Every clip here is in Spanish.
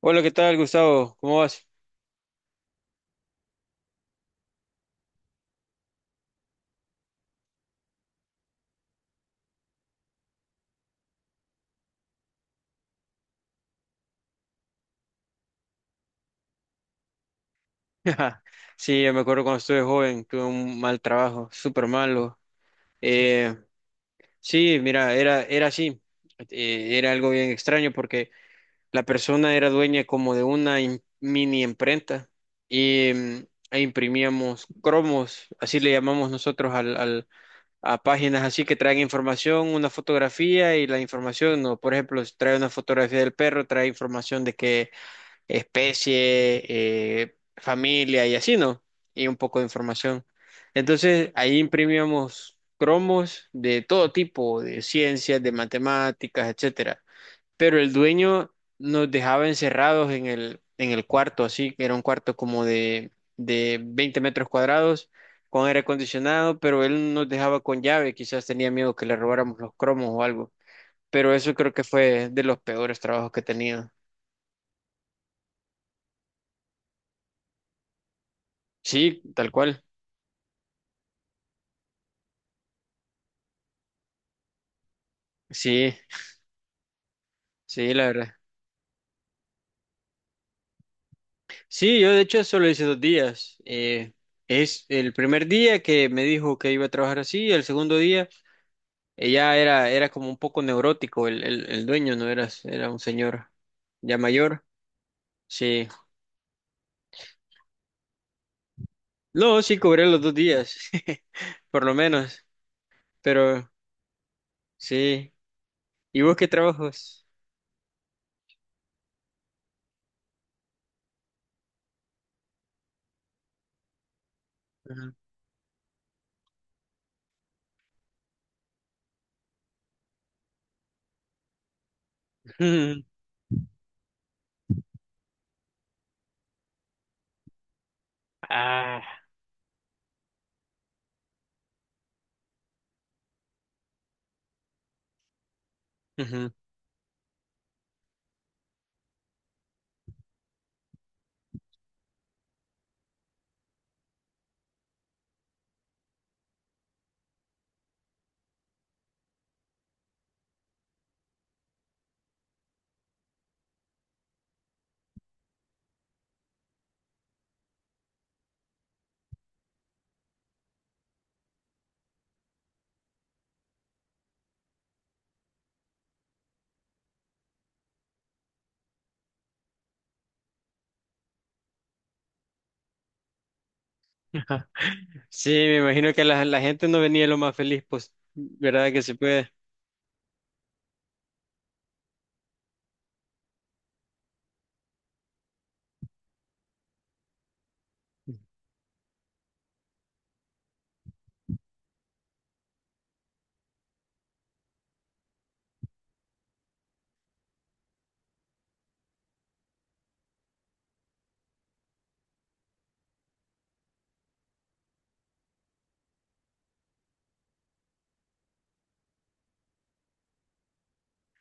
Hola, ¿qué tal, Gustavo? ¿Cómo vas? Sí, yo me acuerdo cuando estuve joven, tuve un mal trabajo, súper malo. Eh, sí, mira, era así. Era algo bien extraño porque la persona era dueña como de una mini imprenta y e imprimíamos cromos, así le llamamos nosotros al a páginas así que traen información, una fotografía y la información, no, por ejemplo, si trae una fotografía del perro, trae información de que especie, familia y así, ¿no? Y un poco de información. Entonces, ahí imprimíamos cromos de todo tipo, de ciencias, de matemáticas, etcétera. Pero el dueño nos dejaba encerrados en el cuarto, así, que era un cuarto como de 20 metros cuadrados, con aire acondicionado, pero él nos dejaba con llave, quizás tenía miedo que le robáramos los cromos o algo. Pero eso creo que fue de los peores trabajos que he tenido. Sí, tal cual. Sí. Sí, la verdad. Sí, yo de hecho solo hice 2 días. Es el primer día que me dijo que iba a trabajar así, el segundo día ella era, era como un poco neurótico, el dueño no era, era un señor ya mayor. Sí. No, sí, cobré los 2 días, por lo menos, pero sí. ¿Y vos qué trabajos? Ujú. Ah. Ujú. Sí, me imagino que la gente no venía lo más feliz, pues, ¿verdad que se puede?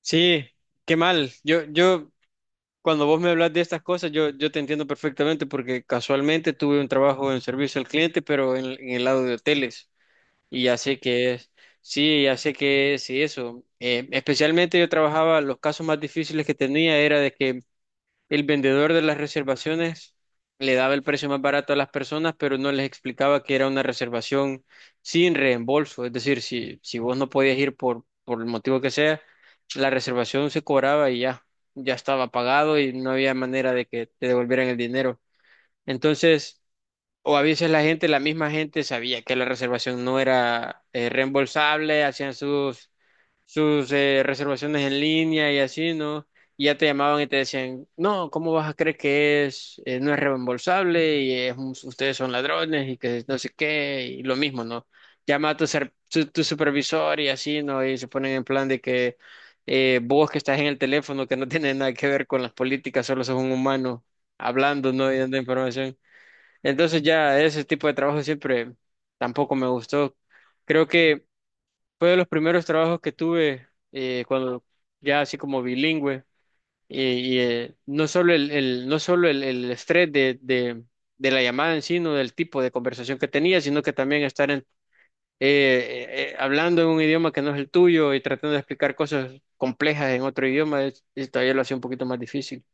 Sí, qué mal. Yo, cuando vos me hablas de estas cosas, yo te entiendo perfectamente porque casualmente tuve un trabajo en servicio al cliente, pero en el lado de hoteles. Y ya sé que es, sí, ya sé que es y eso. Especialmente yo trabajaba, los casos más difíciles que tenía era de que el vendedor de las reservaciones le daba el precio más barato a las personas, pero no les explicaba que era una reservación sin reembolso. Es decir, si vos no podías ir por el motivo que sea, la reservación se cobraba y ya, ya estaba pagado y no había manera de que te devolvieran el dinero. Entonces, o a veces la gente, la misma gente sabía que la reservación no era reembolsable, hacían sus sus reservaciones en línea y así, ¿no? Y ya te llamaban y te decían, no, ¿cómo vas a creer que es, no es reembolsable y es ustedes son ladrones y que no sé qué, y lo mismo, ¿no? Llama a tu, tu supervisor y así, ¿no? Y se ponen en plan de que vos que estás en el teléfono, que no tiene nada que ver con las políticas, solo sos un humano hablando, ¿no? Y dando información. Entonces ya ese tipo de trabajo siempre tampoco me gustó. Creo que fue de los primeros trabajos que tuve cuando ya así como bilingüe no solo no solo el estrés de la llamada en sí, no del tipo de conversación que tenía, sino que también estar hablando en un idioma que no es el tuyo y tratando de explicar cosas complejas en otro idioma, es todavía lo hacía un poquito más difícil.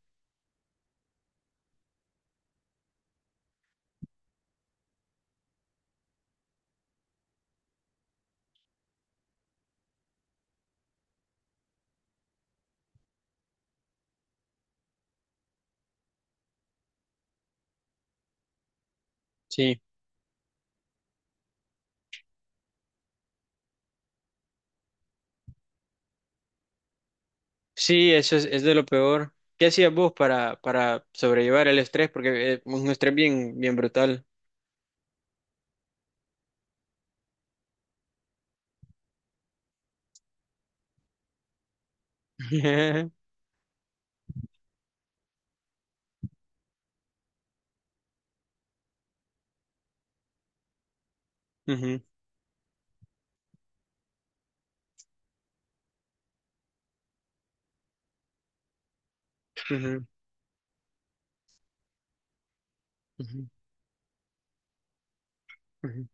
Sí, sí, eso es de lo peor. ¿Qué hacías vos para sobrellevar el estrés? Porque es un estrés bien, bien brutal. Ujú, ujú, ujú. Ujú.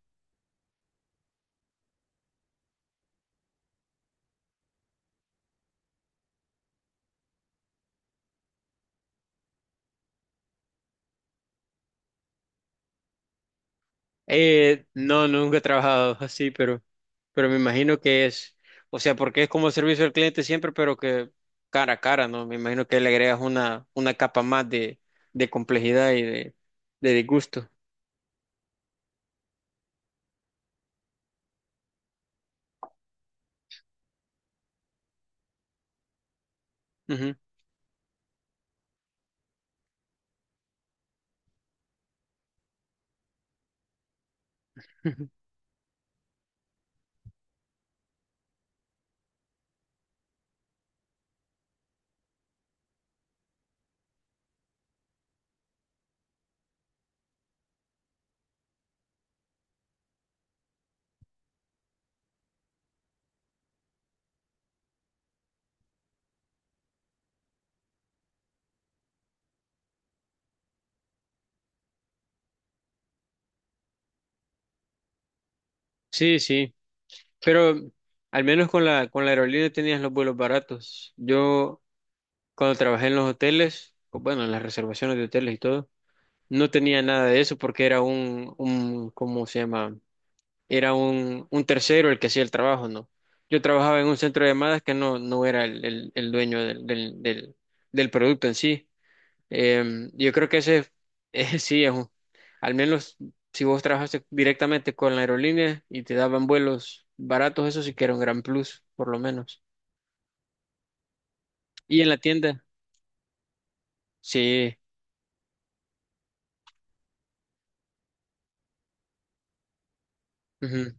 No, nunca he trabajado así, pero me imagino que es, o sea, porque es como servicio al cliente siempre, pero que cara a cara, ¿no? Me imagino que le agregas una capa más de complejidad y de disgusto. Ujú. Ujú. Sí, sí, pero al menos con la aerolínea tenías los vuelos baratos. Yo cuando trabajé en los hoteles, o bueno, en las reservaciones de hoteles y todo, no tenía nada de eso porque era un, ¿cómo se llama? Era un tercero el que hacía el trabajo, ¿no? Yo trabajaba en un centro de llamadas que no, no era el dueño del producto en sí. Yo creo que ese sí es al menos si vos trabajaste directamente con la aerolínea y te daban vuelos baratos, eso sí que era un gran plus, por lo menos. Y en la tienda, sí. Ujú.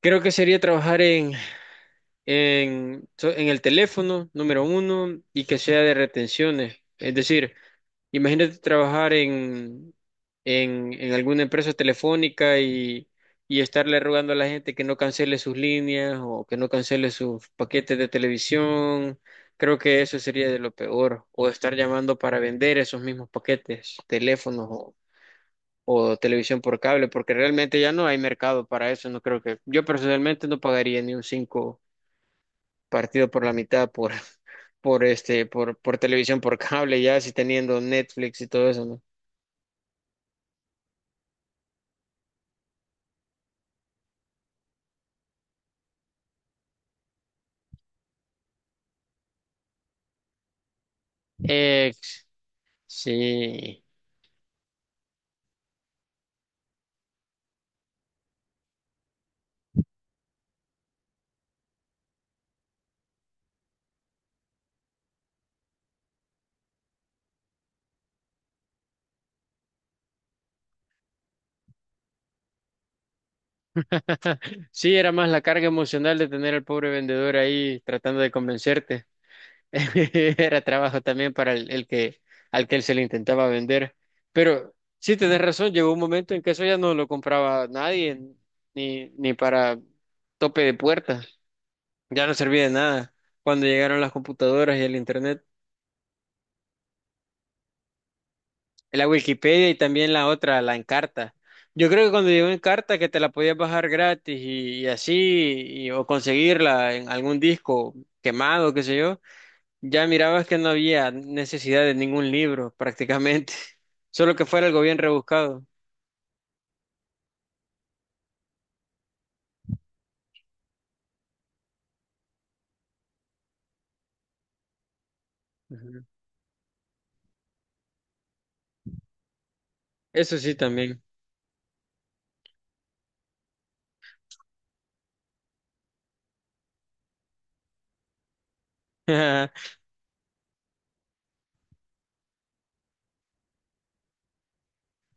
Creo que sería trabajar en el teléfono, número uno, y que sea de retenciones. Es decir, imagínate trabajar en alguna empresa telefónica y estarle rogando a la gente que no cancele sus líneas o que no cancele sus paquetes de televisión. Creo que eso sería de lo peor. O estar llamando para vender esos mismos paquetes, teléfonos o televisión por cable, porque realmente ya no hay mercado para eso. No creo que, yo personalmente no pagaría ni un cinco partido por la mitad por, por televisión por cable, ya si teniendo Netflix y todo eso, ¿no? Ex, sí. Sí, era más la carga emocional de tener al pobre vendedor ahí tratando de convencerte. Era trabajo también para el que al que él se le intentaba vender. Pero sí, tenés razón, llegó un momento en que eso ya no lo compraba nadie, ni para tope de puerta. Ya no servía de nada cuando llegaron las computadoras y el internet. La Wikipedia y también la otra, la Encarta. Yo creo que cuando llegó Encarta que te la podías bajar gratis y así, o conseguirla en algún disco quemado, qué sé yo, ya mirabas que no había necesidad de ningún libro prácticamente, solo que fuera algo bien rebuscado. Ujú. Eso sí también.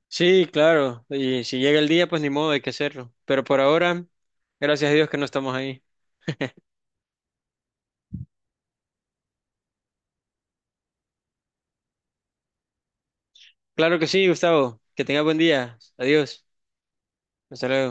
Sí, claro, y si llega el día, pues ni modo, hay que hacerlo. Pero por ahora, gracias a Dios que no estamos ahí. Claro que sí, Gustavo, que tengas buen día. Adiós. Hasta luego.